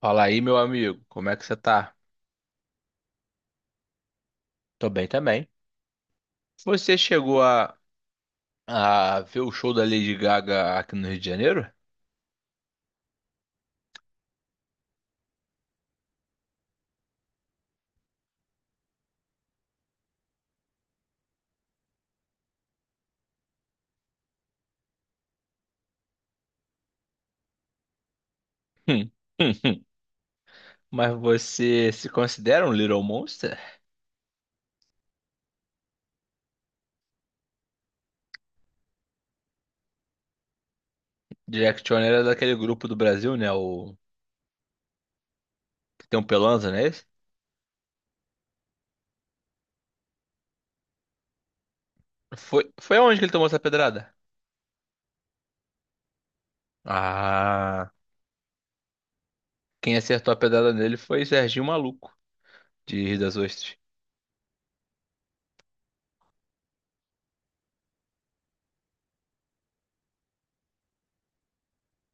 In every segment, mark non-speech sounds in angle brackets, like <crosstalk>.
Fala aí, meu amigo, como é que você tá? Tô bem também. Você chegou a ver o show da Lady Gaga aqui no Rio de Janeiro? Hum, hum, hum. Mas você se considera um Little Monster? Jack era daquele grupo do Brasil, né? O que tem um Pelanza, não é esse? Foi aonde que ele tomou essa pedrada? Ah, quem acertou a pedrada nele foi Serginho Maluco, de Rio das Ostras.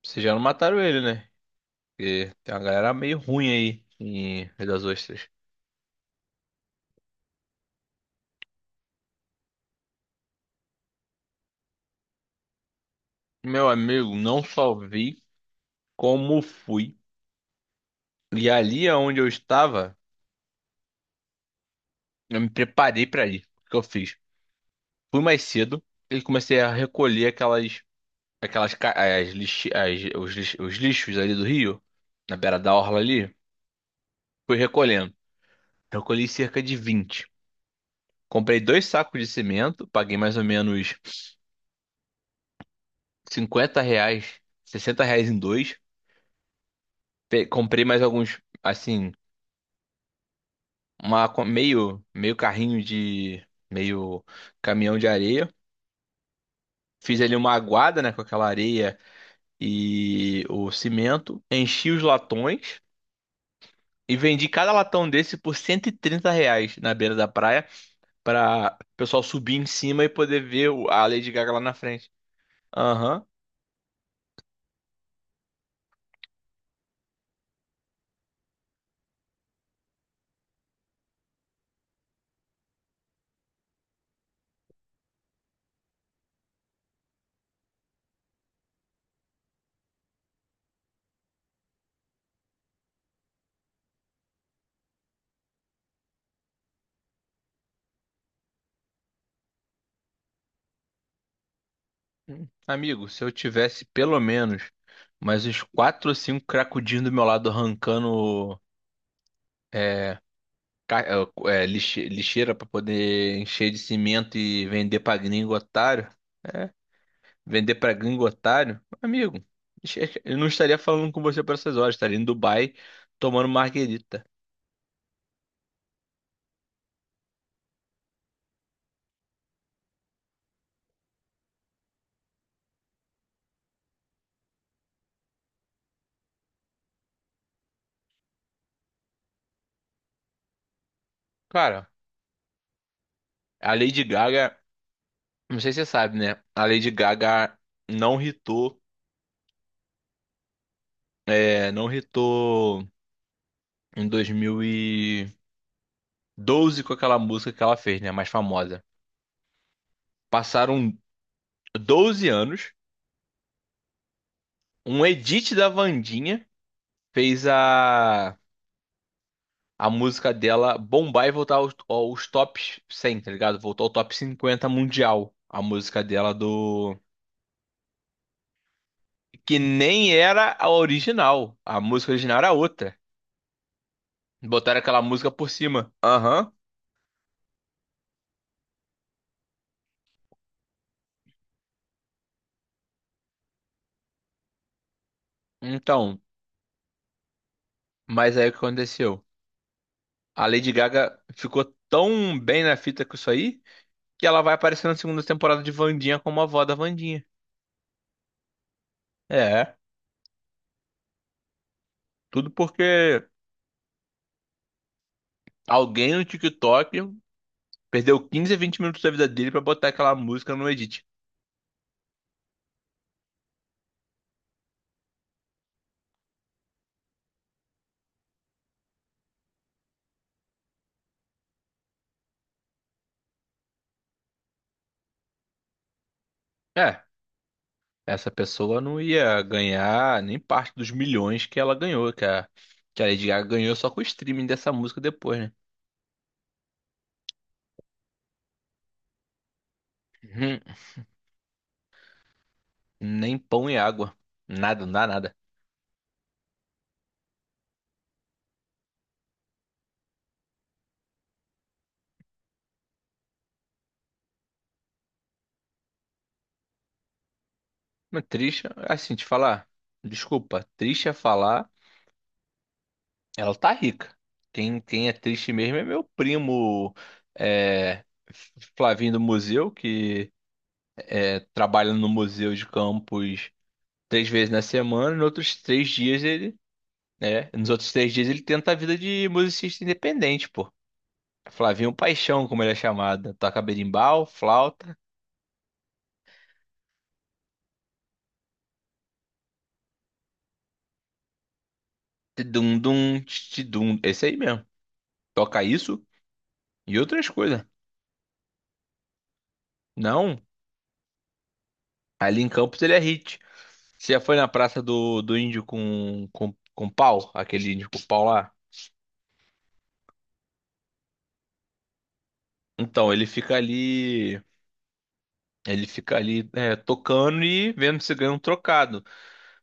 Vocês já não mataram ele, né? Porque tem uma galera meio ruim aí em Rio das Ostras. Meu amigo, não só vi, como fui. E ali onde eu estava, eu me preparei para ir. O que eu fiz? Fui mais cedo e comecei a recolher aquelas, aquelas, ca- as lixi- as- os lixos ali do rio, na beira da orla ali. Fui recolhendo. Recolhi cerca de 20. Comprei dois sacos de cimento, paguei mais ou menos R$ 50, R$ 60 em dois. Comprei mais alguns, assim, uma, co- meio, meio carrinho de, meio caminhão de areia. Fiz ali uma aguada, né, com aquela areia e o cimento. Enchi os latões e vendi cada latão desse por R$ 130 na beira da praia para o pessoal subir em cima e poder ver a Lady Gaga lá na frente. Aham. Amigo, se eu tivesse pelo menos mais uns quatro ou cinco cracudinhos do meu lado arrancando é, ca- lixeira para poder encher de cimento e vender pra gringo otário. é, Vender pra gringo otário? Amigo, <laughs> eu não estaria falando com você por essas horas, estaria em Dubai tomando marguerita. Cara, a Lady Gaga, não sei se você sabe, né? A Lady Gaga não hitou, não hitou em 2012 com aquela música que ela fez, né? Mais famosa. Passaram 12 anos, um edit da Wandinha fez a música dela bombar e voltar aos tops 100, tá ligado? Voltou ao top 50 mundial. A música dela do. Que nem era a original. A música original era outra. Botaram aquela música por cima. Aham. Então, mas aí o que aconteceu? A Lady Gaga ficou tão bem na fita com isso aí que ela vai aparecer na segunda temporada de Wandinha como a avó da Wandinha. É, tudo porque alguém no TikTok perdeu 15, 20 minutos da vida dele pra botar aquela música no edit. É, essa pessoa não ia ganhar nem parte dos milhões que ela ganhou, que a Lady Gaga ganhou só com o streaming dessa música depois, né? Uhum. Nem pão e água. Nada, não dá nada. Mas triste, assim, te falar. Desculpa, trisha é falar, ela tá rica. Quem é triste mesmo é meu primo, é, Flavinho do Museu, que trabalha no Museu de Campos 3 vezes na semana, e nos outros 3 dias ele. É, nos outros 3 dias ele tenta a vida de musicista independente, pô. Flavinho Paixão, como ele é chamado. Toca berimbau, flauta, tidum-dum, tidum. Esse aí mesmo. Toca isso e outras coisas. Não, ali em Campos ele é hit. Você já foi na praça do índio com pau? Aquele índio com pau lá? Então, ele fica ali. Ele fica ali tocando e vendo se ganha um trocado.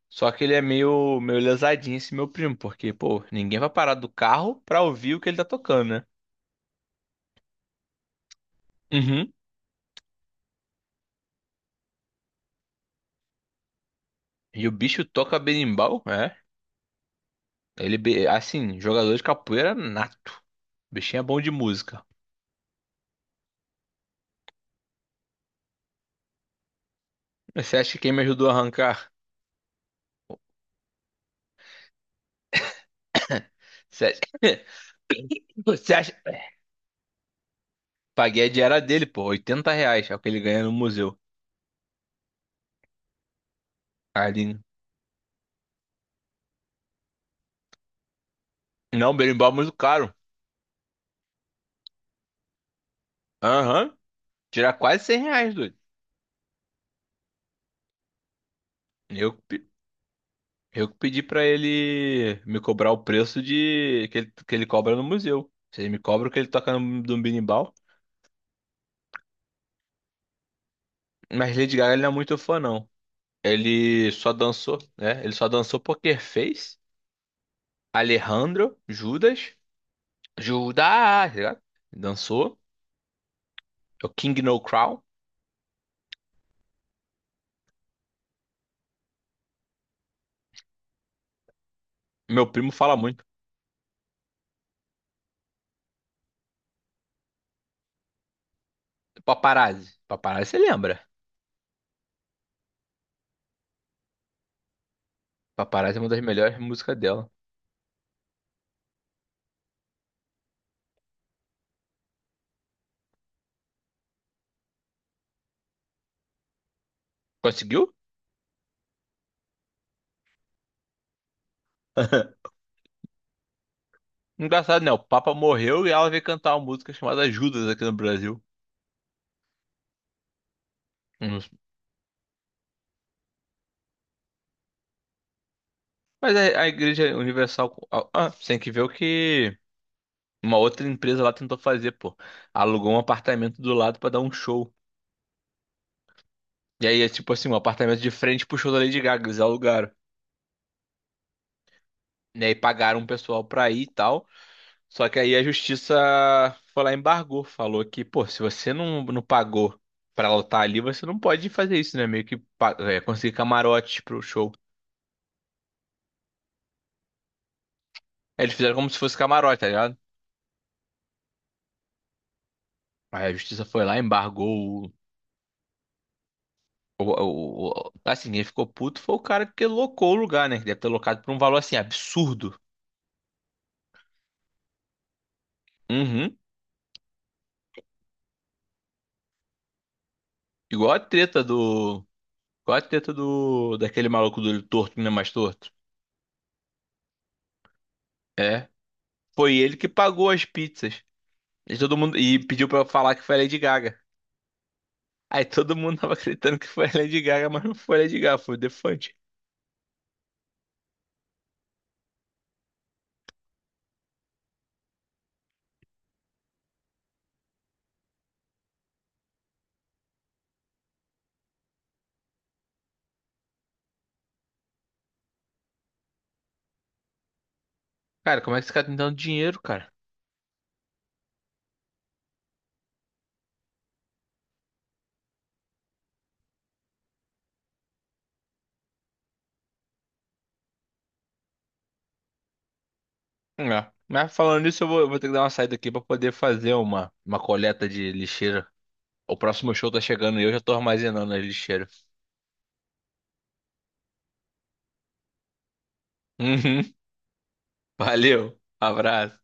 Só que ele é meio, meio lesadinho esse meu primo, porque, pô, ninguém vai parar do carro pra ouvir o que ele tá tocando, né? Uhum. E o bicho toca berimbau, é. Ele, assim, jogador de capoeira nato. O bichinho é bom de música. Você acha que quem me ajudou a arrancar? Você acha... <coughs> Você acha... Paguei a diária dele, pô, R$ 80, é o que ele ganha no museu. Ali. Não, berimbau é muito caro. Aham, tira quase R$ 100, doido. Eu... Eu que pedi pra ele me cobrar o preço de que ele cobra no museu. Se ele me cobra o que ele toca no binimbau. Mas Lady Gaga ele não é muito fã, não. Ele só dançou, né? Ele só dançou Poker Face, Alejandro, Judas, tá ligado? Dançou. É o King No Crown. Meu primo fala muito. Paparazzi. Paparazzi, você lembra? Paparazzi é uma das melhores músicas dela. Conseguiu? Engraçado, né? O Papa morreu e ela veio cantar uma música chamada Judas aqui no Brasil. Uhum. Mas a Igreja Universal. Ah, você tem que ver o que uma outra empresa lá tentou fazer, pô. Alugou um apartamento do lado pra dar um show. E aí é tipo assim, um apartamento de frente pro show da Lady Gaga, eles alugaram. E aí pagaram um pessoal pra ir e tal. Só que aí a justiça foi lá e embargou. Falou que, pô, se você não pagou pra ela estar ali, você não pode fazer isso, né? Meio que conseguir camarote pro show. Aí eles fizeram como se fosse camarote, tá ligado? Aí a justiça foi lá, embargou. Assim, quem ficou puto foi o cara que locou o lugar, né? Que deve ter locado por um valor assim absurdo. Uhum. Igual a treta do. Igual a treta do. Daquele maluco do olho torto, né? Mais torto. É. Foi ele que pagou as pizzas. E todo mundo. E pediu pra eu falar que foi a Lady Gaga. Aí todo mundo tava acreditando que foi a Lady Gaga, mas não foi a Lady Gaga, foi o Defante. Cara, como é que esse cara tá me dando dinheiro, cara? É. Mas falando nisso, eu vou ter que dar uma saída aqui pra poder fazer uma coleta de lixeira. O próximo show tá chegando e eu já tô armazenando a lixeira. Uhum. Valeu, abraço.